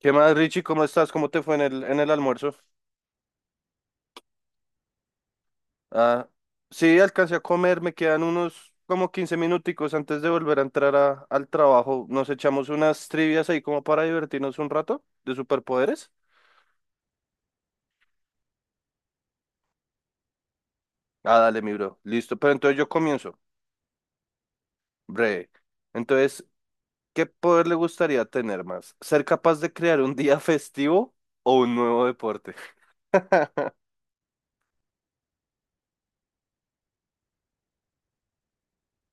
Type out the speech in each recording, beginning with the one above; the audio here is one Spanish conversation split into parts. ¿Qué más, Richie? ¿Cómo estás? ¿Cómo te fue en el almuerzo? Ah, sí, alcancé a comer, me quedan unos como 15 minuticos antes de volver a entrar al trabajo. Nos echamos unas trivias ahí como para divertirnos un rato de superpoderes. Ah, dale, mi bro. Listo, pero entonces yo comienzo. Breve. Entonces, ¿qué poder le gustaría tener más? ¿Ser capaz de crear un día festivo o un nuevo deporte?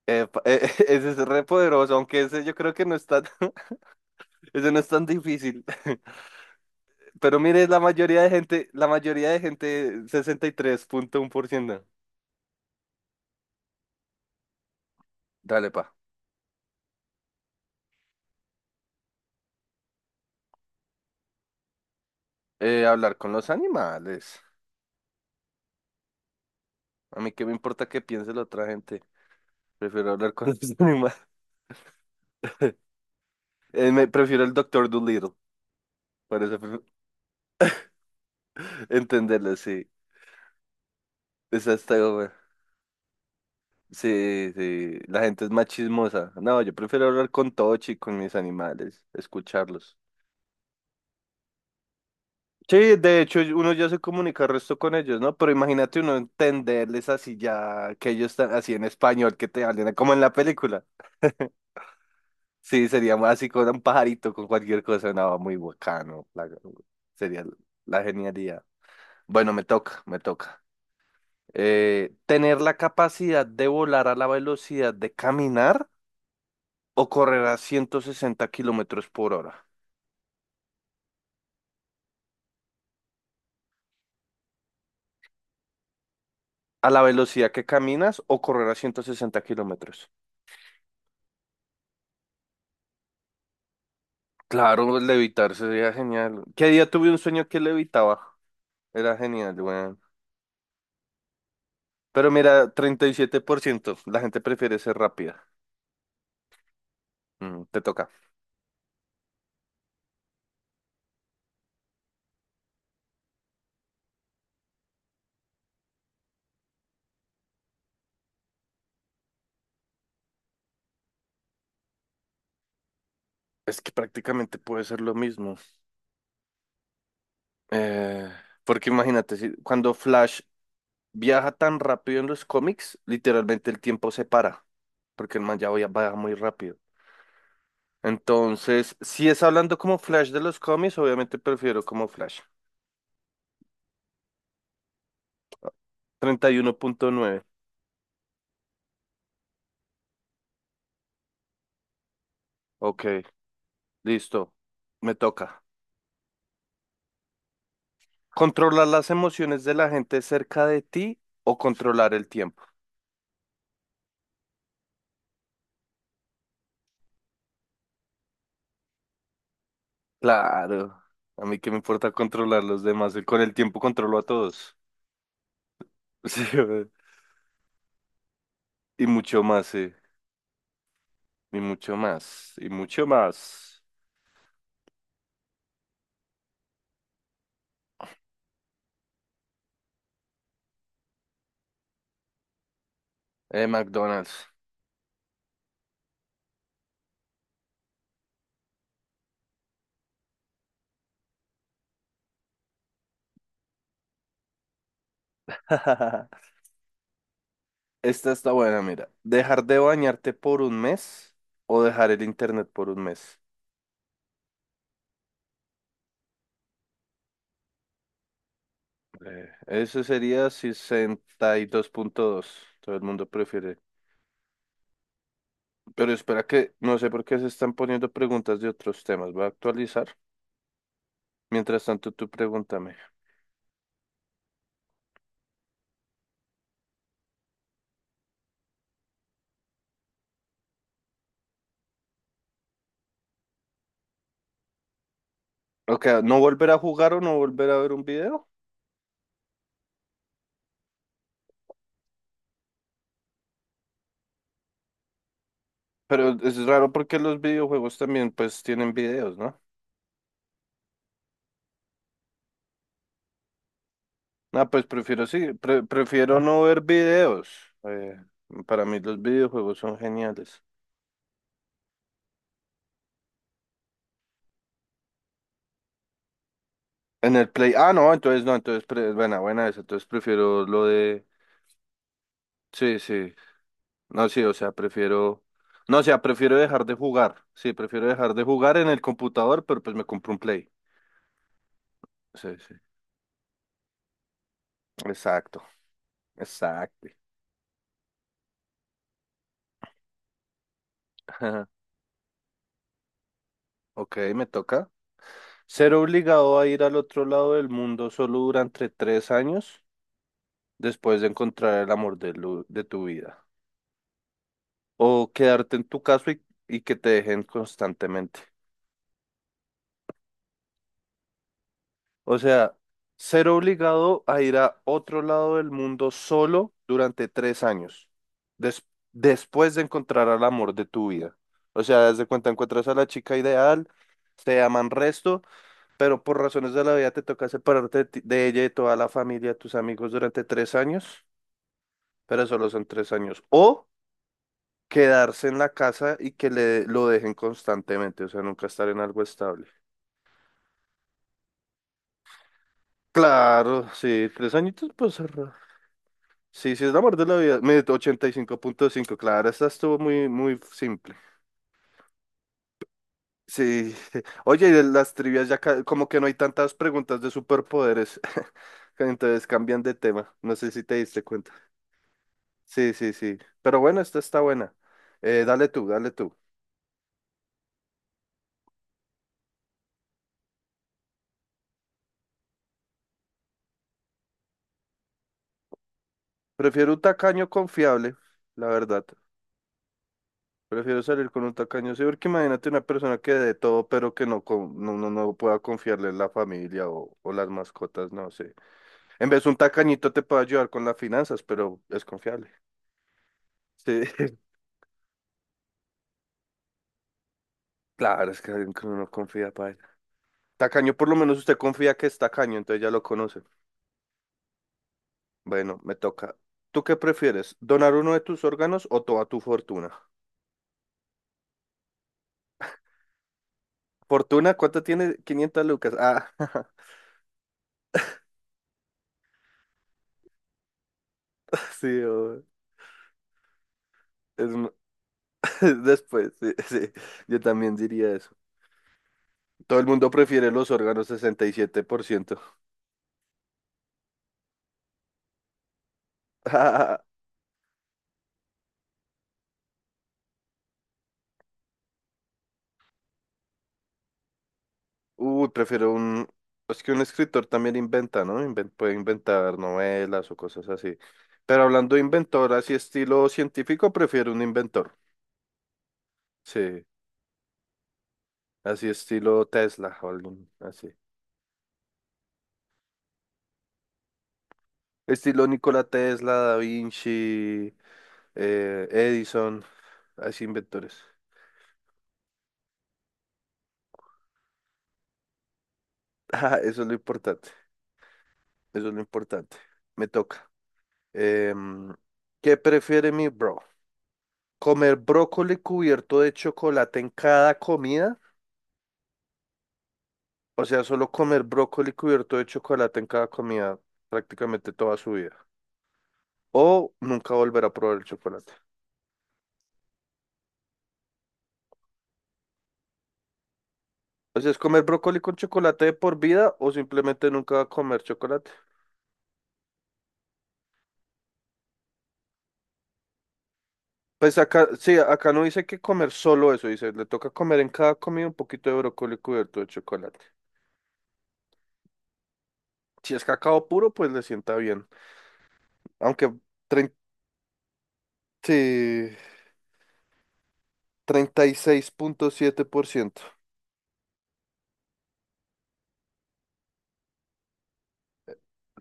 Epa, ese es re poderoso, aunque ese yo creo que no es tan, ese no es tan difícil. Pero mire, la mayoría de gente, 63,1%. Dale, pa. Hablar con los animales. A mí qué me importa qué piense la otra gente. Prefiero hablar con los animales. Me prefiero el Doctor Dolittle. Para eso prefiero entenderlo, sí. Esa está buena. Sí, sí. La gente es más chismosa. No, yo prefiero hablar con Tochi, con mis animales, escucharlos. Sí, de hecho uno ya se comunica el resto con ellos, ¿no? Pero imagínate uno entenderles así ya que ellos están así en español, que te hablen como en la película. Sí, sería más así con un pajarito, con cualquier cosa, nada, muy bacano. Sería la genialidad. Bueno, me toca. ¿Tener la capacidad de volar a la velocidad de caminar o correr a 160 kilómetros por hora? ¿A la velocidad que caminas o correr a 160 kilómetros? Claro, levitar sería genial. ¿Qué día tuve un sueño que levitaba? Era genial, weón. Pero mira, 37%. La gente prefiere ser rápida. Mm, te toca. Es que prácticamente puede ser lo mismo. Eh, Porque imagínate, si, cuando Flash viaja tan rápido en los cómics, literalmente el tiempo se para. Porque el man ya va muy rápido. Entonces, si es hablando como Flash de los cómics, obviamente prefiero como Flash. 31,9. Ok, listo. Me toca. ¿Controlar las emociones de la gente cerca de ti o controlar el tiempo? Claro, a mí qué me importa controlar los demás, con el tiempo controlo a todos. Sí, güey. Y mucho más, sí, y mucho más. McDonald's. Esta está buena, mira. ¿Dejar de bañarte por un mes o dejar el internet por un mes? Eso sería 62.2. Todo el mundo prefiere. Pero espera que no sé por qué se están poniendo preguntas de otros temas. Voy a actualizar. Mientras tanto, tú pregúntame. Ok, ¿no volver a jugar o no volver a ver un video? Pero es raro porque los videojuegos también pues tienen videos, ¿no? Ah, pues prefiero sí, prefiero no ver videos. Eh, para mí los videojuegos son geniales. En el Play, ah, no, entonces no, entonces, buena, buena esa, entonces prefiero lo de, sí, sí. No, sí, o sea, prefiero, no, o sea, prefiero dejar de jugar. Sí, prefiero dejar de jugar en el computador, pero pues me compro un Play. Sí, sí. Exacto, exacto. Ajá. Ok, me toca. Ser obligado a ir al otro lado del mundo solo durante tres años después de encontrar el amor de, de tu vida. O quedarte en tu casa y que te dejen constantemente. O sea, ser obligado a ir a otro lado del mundo solo durante tres años, des- después de encontrar al amor de tu vida. O sea, desde cuenta encuentras a la chica ideal, te aman resto, pero por razones de la vida te toca separarte de, de ella y de toda la familia, tus amigos durante tres años, pero solo son tres años. O quedarse en la casa y que le, lo dejen constantemente, o sea, nunca estar en algo estable. Claro, sí, tres añitos, pues sí, sí, es la muerte de la vida. Me 85,5, claro, esta estuvo muy simple. Sí. Oye, y de las trivias ya como que no hay tantas preguntas de superpoderes. Entonces cambian de tema. No sé si te diste cuenta. Sí, sí, sí. Pero bueno, esta está buena. Dale tú. Prefiero un tacaño confiable, la verdad. Prefiero salir con un tacaño, sí, porque imagínate una persona que de todo, pero que no, no, no pueda confiarle en la familia o las mascotas, no sé. En vez de un tacañito te puede ayudar con las finanzas, pero es confiable. Sí, claro, es que alguien que uno no confía, para. Tacaño, por lo menos usted confía que es tacaño, entonces ya lo conoce. Bueno, me toca. ¿Tú qué prefieres? ¿Donar uno de tus órganos o toda tu fortuna? ¿Fortuna? ¿Cuánto tiene? Quinientas lucas. Ah, sí, obvio. Es mu- Después, sí, sí, yo también diría eso. Todo el mundo prefiere los órganos, 67%. Uy, prefiero un... Es que un escritor también inventa, ¿no? Puede inventar novelas o cosas así. Pero hablando de inventor, así estilo científico, prefiero un inventor. Sí, así estilo Tesla o algún así. Estilo Nikola Tesla, Da Vinci, Edison, así inventores. Ah, eso es lo importante, eso es lo importante. Me toca. Em, ¿qué prefiere mi bro? ¿Comer brócoli cubierto de chocolate en cada comida? O sea, solo comer brócoli cubierto de chocolate en cada comida prácticamente toda su vida. O nunca volver a probar el chocolate. O sea, es comer brócoli con chocolate de por vida o simplemente nunca comer chocolate. Pues acá, sí, acá no dice que comer solo eso, dice, le toca comer en cada comida un poquito de brócoli cubierto de chocolate. Si es cacao puro, pues le sienta bien. Aunque trein- sí, 36,7%.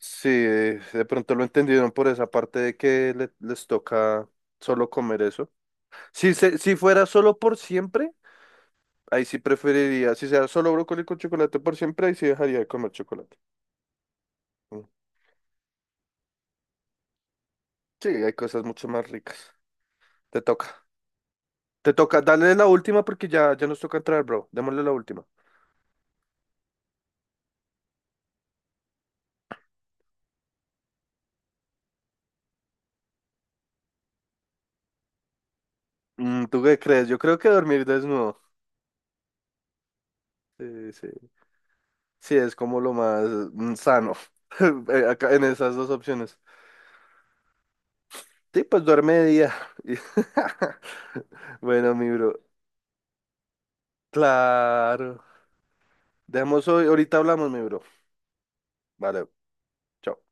Sí, de pronto lo entendieron por esa parte de que les toca solo comer eso. Si, si fuera solo por siempre, ahí sí preferiría. Si sea solo brócoli con chocolate por siempre, ahí sí dejaría de comer chocolate. Mm. Sí, hay cosas mucho más ricas. Te toca. Te toca. Dale la última porque ya, ya nos toca entrar, bro. Démosle la última. Mm, ¿tú qué crees? Yo creo que dormir desnudo. Sí, sí. Sí, es como lo más mm, sano. Eh, acá en esas dos opciones. Sí, pues duerme de día. Bueno, mi bro. Claro. Dejamos hoy, ahorita hablamos, mi bro. Vale, chao.